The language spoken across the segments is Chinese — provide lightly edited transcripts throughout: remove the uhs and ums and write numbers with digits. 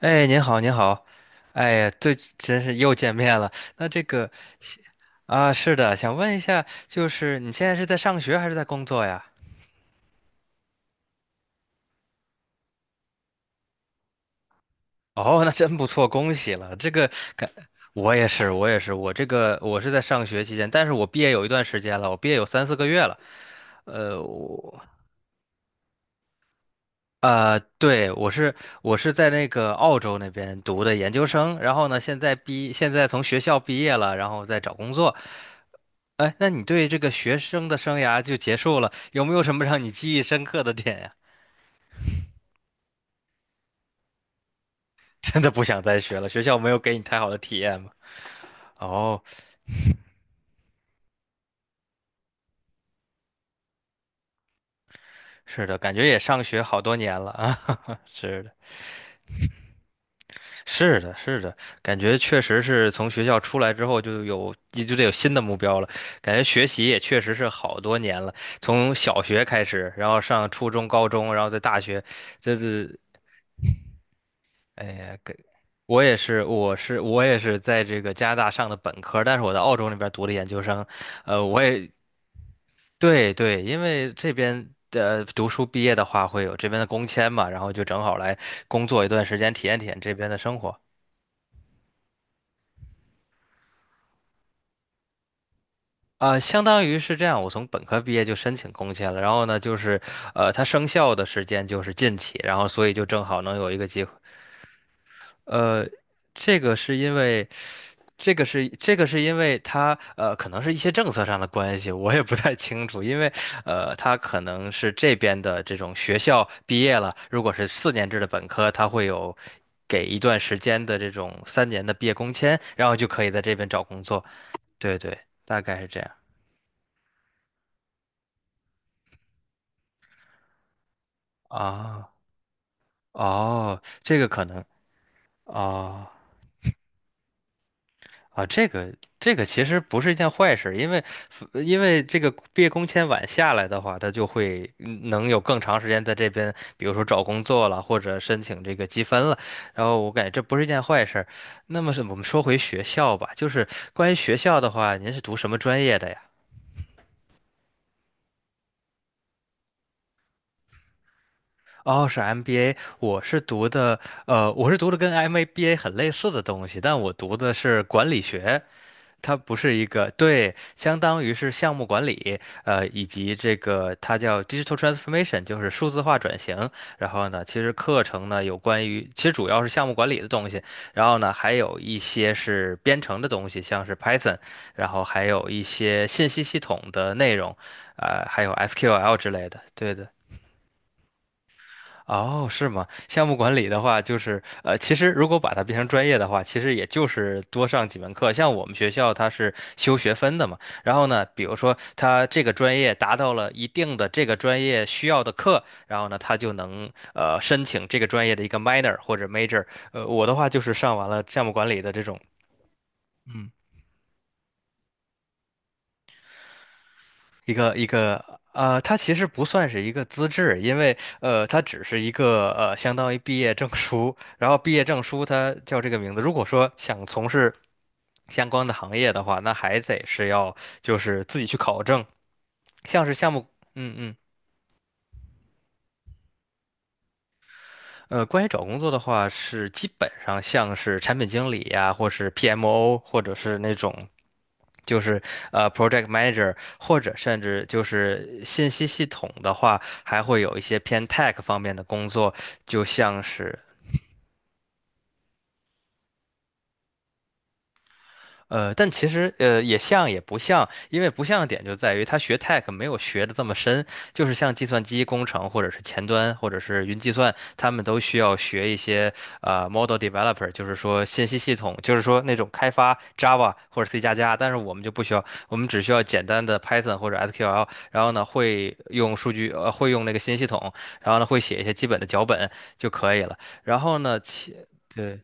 哎，您好，您好，哎呀，对，真是又见面了。那这个啊，是的，想问一下，就是你现在是在上学还是在工作呀？哦，那真不错，恭喜了。这个感，我也是，我也是，我这个我是在上学期间，但是我毕业有一段时间了，我毕业有3、4个月了。呃，我对，我是在那个澳洲那边读的研究生，然后呢，现在从学校毕业了，然后在找工作。哎，那你对这个学生的生涯就结束了，有没有什么让你记忆深刻的点呀？真的不想再学了，学校没有给你太好的体验吗？哦，是的，感觉也上学好多年了啊，是的。是的，是的，感觉确实是从学校出来之后就得有新的目标了。感觉学习也确实是好多年了，从小学开始，然后上初中、高中，然后在大学。这是哎呀，我也是，我也是在这个加拿大上的本科，但是我在澳洲那边读的研究生。呃，我也对对，因为这边的读书毕业的话，会有这边的工签嘛，然后就正好来工作一段时间，体验体验这边的生活。啊，相当于是这样，我从本科毕业就申请工签了，然后呢，它生效的时间就是近期，然后所以就正好能有一个机会。呃，这个是因为，这个是因为它可能是一些政策上的关系，我也不太清楚，因为它可能是这边的这种学校毕业了，如果是4年制的本科，它会有给一段时间的这种三年的毕业工签，然后就可以在这边找工作。对对，大概是这样啊。哦，这个可能哦啊，这个其实不是一件坏事，因为因为这个毕业工签晚下来的话，他就会能有更长时间在这边，比如说找工作了，或者申请这个积分了。然后我感觉这不是一件坏事。那么是我们说回学校吧，就是关于学校的话，您是读什么专业的呀？哦，是 MBA，我是读的跟 MBA 很类似的东西，但我读的是管理学。它不是一个，对，相当于是项目管理，以及这个它叫 digital transformation，就是数字化转型。然后呢，其实课程呢有关于，其实主要是项目管理的东西，然后呢还有一些是编程的东西，像是 Python，然后还有一些信息系统的内容，还有 SQL 之类的。对的。哦，是吗？项目管理的话，其实如果把它变成专业的话，其实也就是多上几门课。像我们学校它是修学分的嘛，然后呢，比如说它这个专业达到了一定的这个专业需要的课，然后呢，它就能申请这个专业的一个 minor 或者 major。我的话就是上完了项目管理的这种。嗯。一个它其实不算是一个资质，因为它只是一个相当于毕业证书。然后毕业证书它叫这个名字。如果说想从事相关的行业的话，那还得是要就是自己去考证，像是项目，嗯嗯。关于找工作的话，是基本上像是产品经理呀，或是 PMO，或者是那种就是 project manager，或者甚至就是信息系统的话，还会有一些偏 tech 方面的工作，就像是呃，但其实也像也不像，因为不像的点就在于他学 tech 没有学的这么深，就是像计算机工程或者是前端或者是云计算，他们都需要学一些model developer，就是说信息系统，就是说那种开发 Java 或者 C 加加，但是我们就不需要，我们只需要简单的 Python 或者 SQL，然后呢会用数据会用那个信息系统，然后呢会写一些基本的脚本就可以了。然后呢其。对。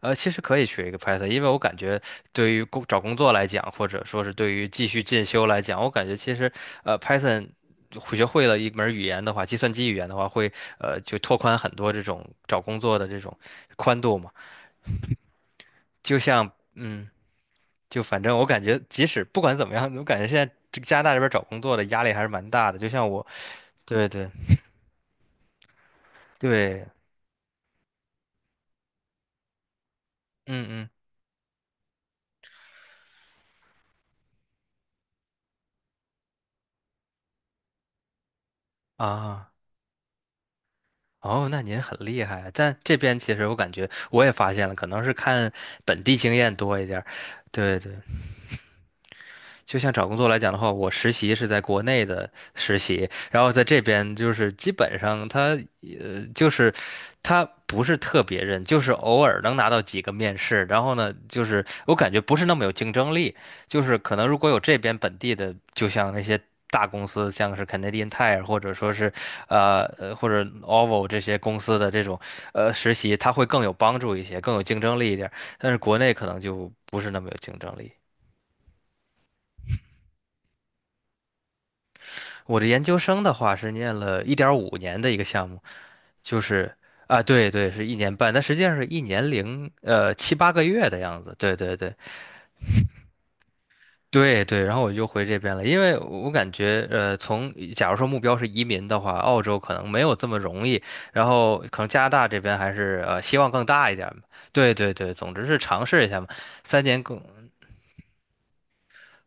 其实可以学一个 Python，因为我感觉对于找工作来讲，或者说是对于继续进修来讲，我感觉其实Python 学会了一门语言的话，计算机语言的话，会就拓宽很多这种找工作的这种宽度嘛。就像嗯，就反正我感觉，即使不管怎么样，我感觉现在这个加拿大这边找工作的压力还是蛮大的。就像我，对对对，嗯嗯啊。哦，那您很厉害啊。但这边其实我感觉我也发现了，可能是看本地经验多一点儿。对对，就像找工作来讲的话，我实习是在国内的实习，然后在这边就是基本上他呃就是他不是特别认，就是偶尔能拿到几个面试，然后呢，就是我感觉不是那么有竞争力，就是可能如果有这边本地的，就像那些大公司，像是 Canadian Tire 或者说是，或者 OVO 这些公司的这种实习，它会更有帮助一些，更有竞争力一点儿，但是国内可能就不是那么有竞争力。我的研究生的话是念了1.5年的一个项目。就是对对，是1年半，但实际上是一年零7、8个月的样子。对对对对对，然后我就回这边了，因为我感觉从假如说目标是移民的话，澳洲可能没有这么容易，然后可能加拿大这边还是希望更大一点嘛。对对对，总之是尝试一下嘛。三年更。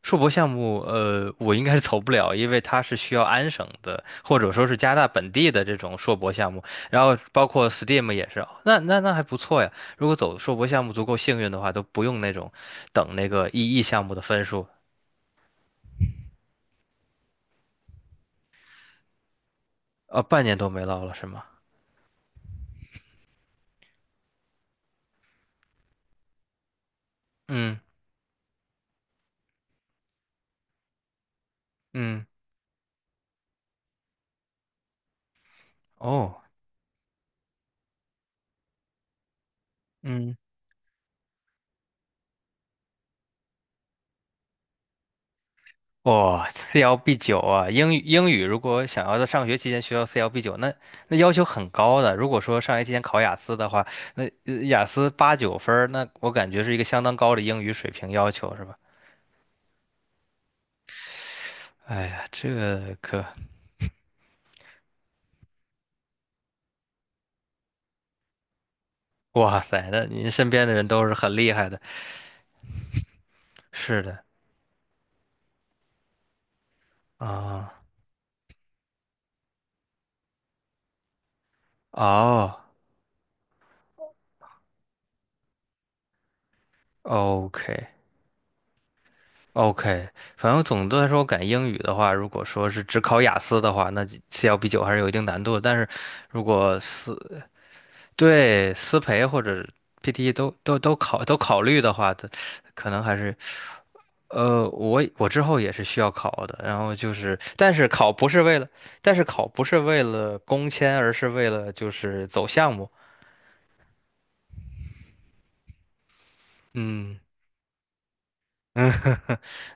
硕博项目，我应该是走不了，因为它是需要安省的，或者说是加拿大本地的这种硕博项目，然后包括 STEAM 也是，那那那还不错呀。如果走硕博项目足够幸运的话，都不用那种等那个 EE 项目的分数。半年都没落了是吗？嗯嗯，哦，嗯。哇，CLB 九啊，英语如果想要在上学期间学到 CLB 九，那那要求很高的。如果说上学期间考雅思的话，那雅思8、9分儿那我感觉是一个相当高的英语水平要求，是吧？哎呀，这个可，哇塞，那您身边的人都是很厉害的。是的啊，哦哦，OK 哦 OK，反正总的来说，我感觉英语的话，如果说是只考雅思的话，那 CLB 九还是有一定难度的。但是如果是对，私培或者 PTE 都都考虑的话，它可能还是，我之后也是需要考的。然后就是，但是考不是为了工签，而是为了就是走项目。嗯。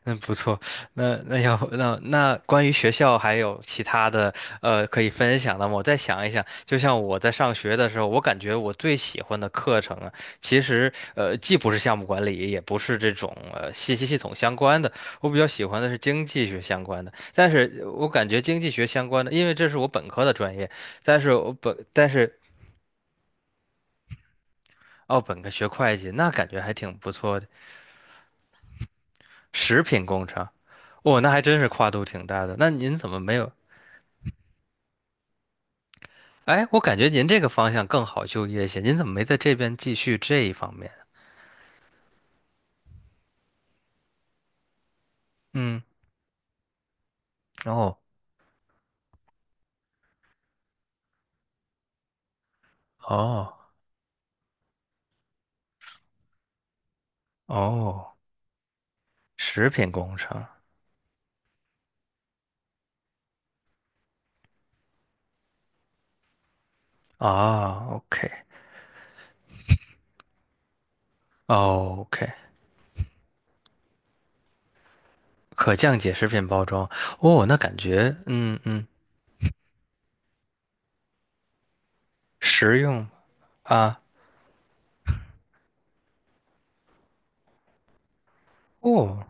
嗯，不错。那那要那那关于学校还有其他的可以分享的吗？我再想一想，就像我在上学的时候，我感觉我最喜欢的课程啊，其实既不是项目管理，也不是这种信息系统相关的，我比较喜欢的是经济学相关的。但是我感觉经济学相关的，因为这是我本科的专业，但是我本但是哦本科学会计，那感觉还挺不错的。食品工程。哦，那还真是跨度挺大的。那您怎么没有？哎，我感觉您这个方向更好就业一些，您怎么没在这边继续这一方面？嗯，哦，哦，哦，食品工程啊，OK，哦，OK，可降解食品包装，哦，那感觉，嗯嗯，实用啊，哦，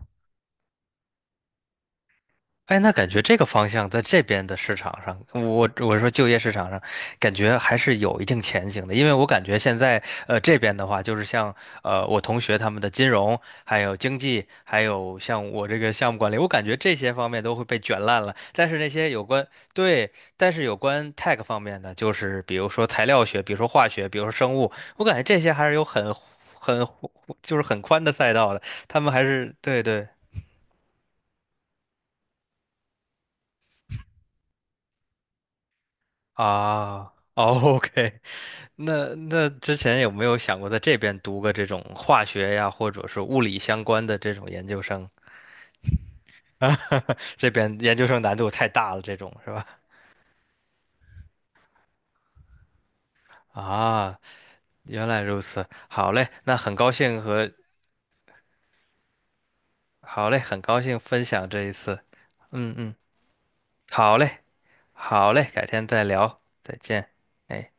哎，那感觉这个方向在这边的市场上，我说就业市场上，感觉还是有一定前景的。因为我感觉现在，这边的话，就是像我同学他们的金融，还有经济，还有像我这个项目管理，我感觉这些方面都会被卷烂了。但是那些有关，对，但是有关 tech 方面的，就是比如说材料学，比如说化学，比如说生物，我感觉这些还是有很就是很宽的赛道的。他们还是对对。啊，o k。 那那之前有没有想过在这边读个这种化学呀，或者是物理相关的这种研究生？这边研究生难度太大了，这种是吧？啊，原来如此，好嘞，那很高兴和，好嘞，很高兴分享这一次，嗯嗯，好嘞，好嘞，改天再聊，再见，哎。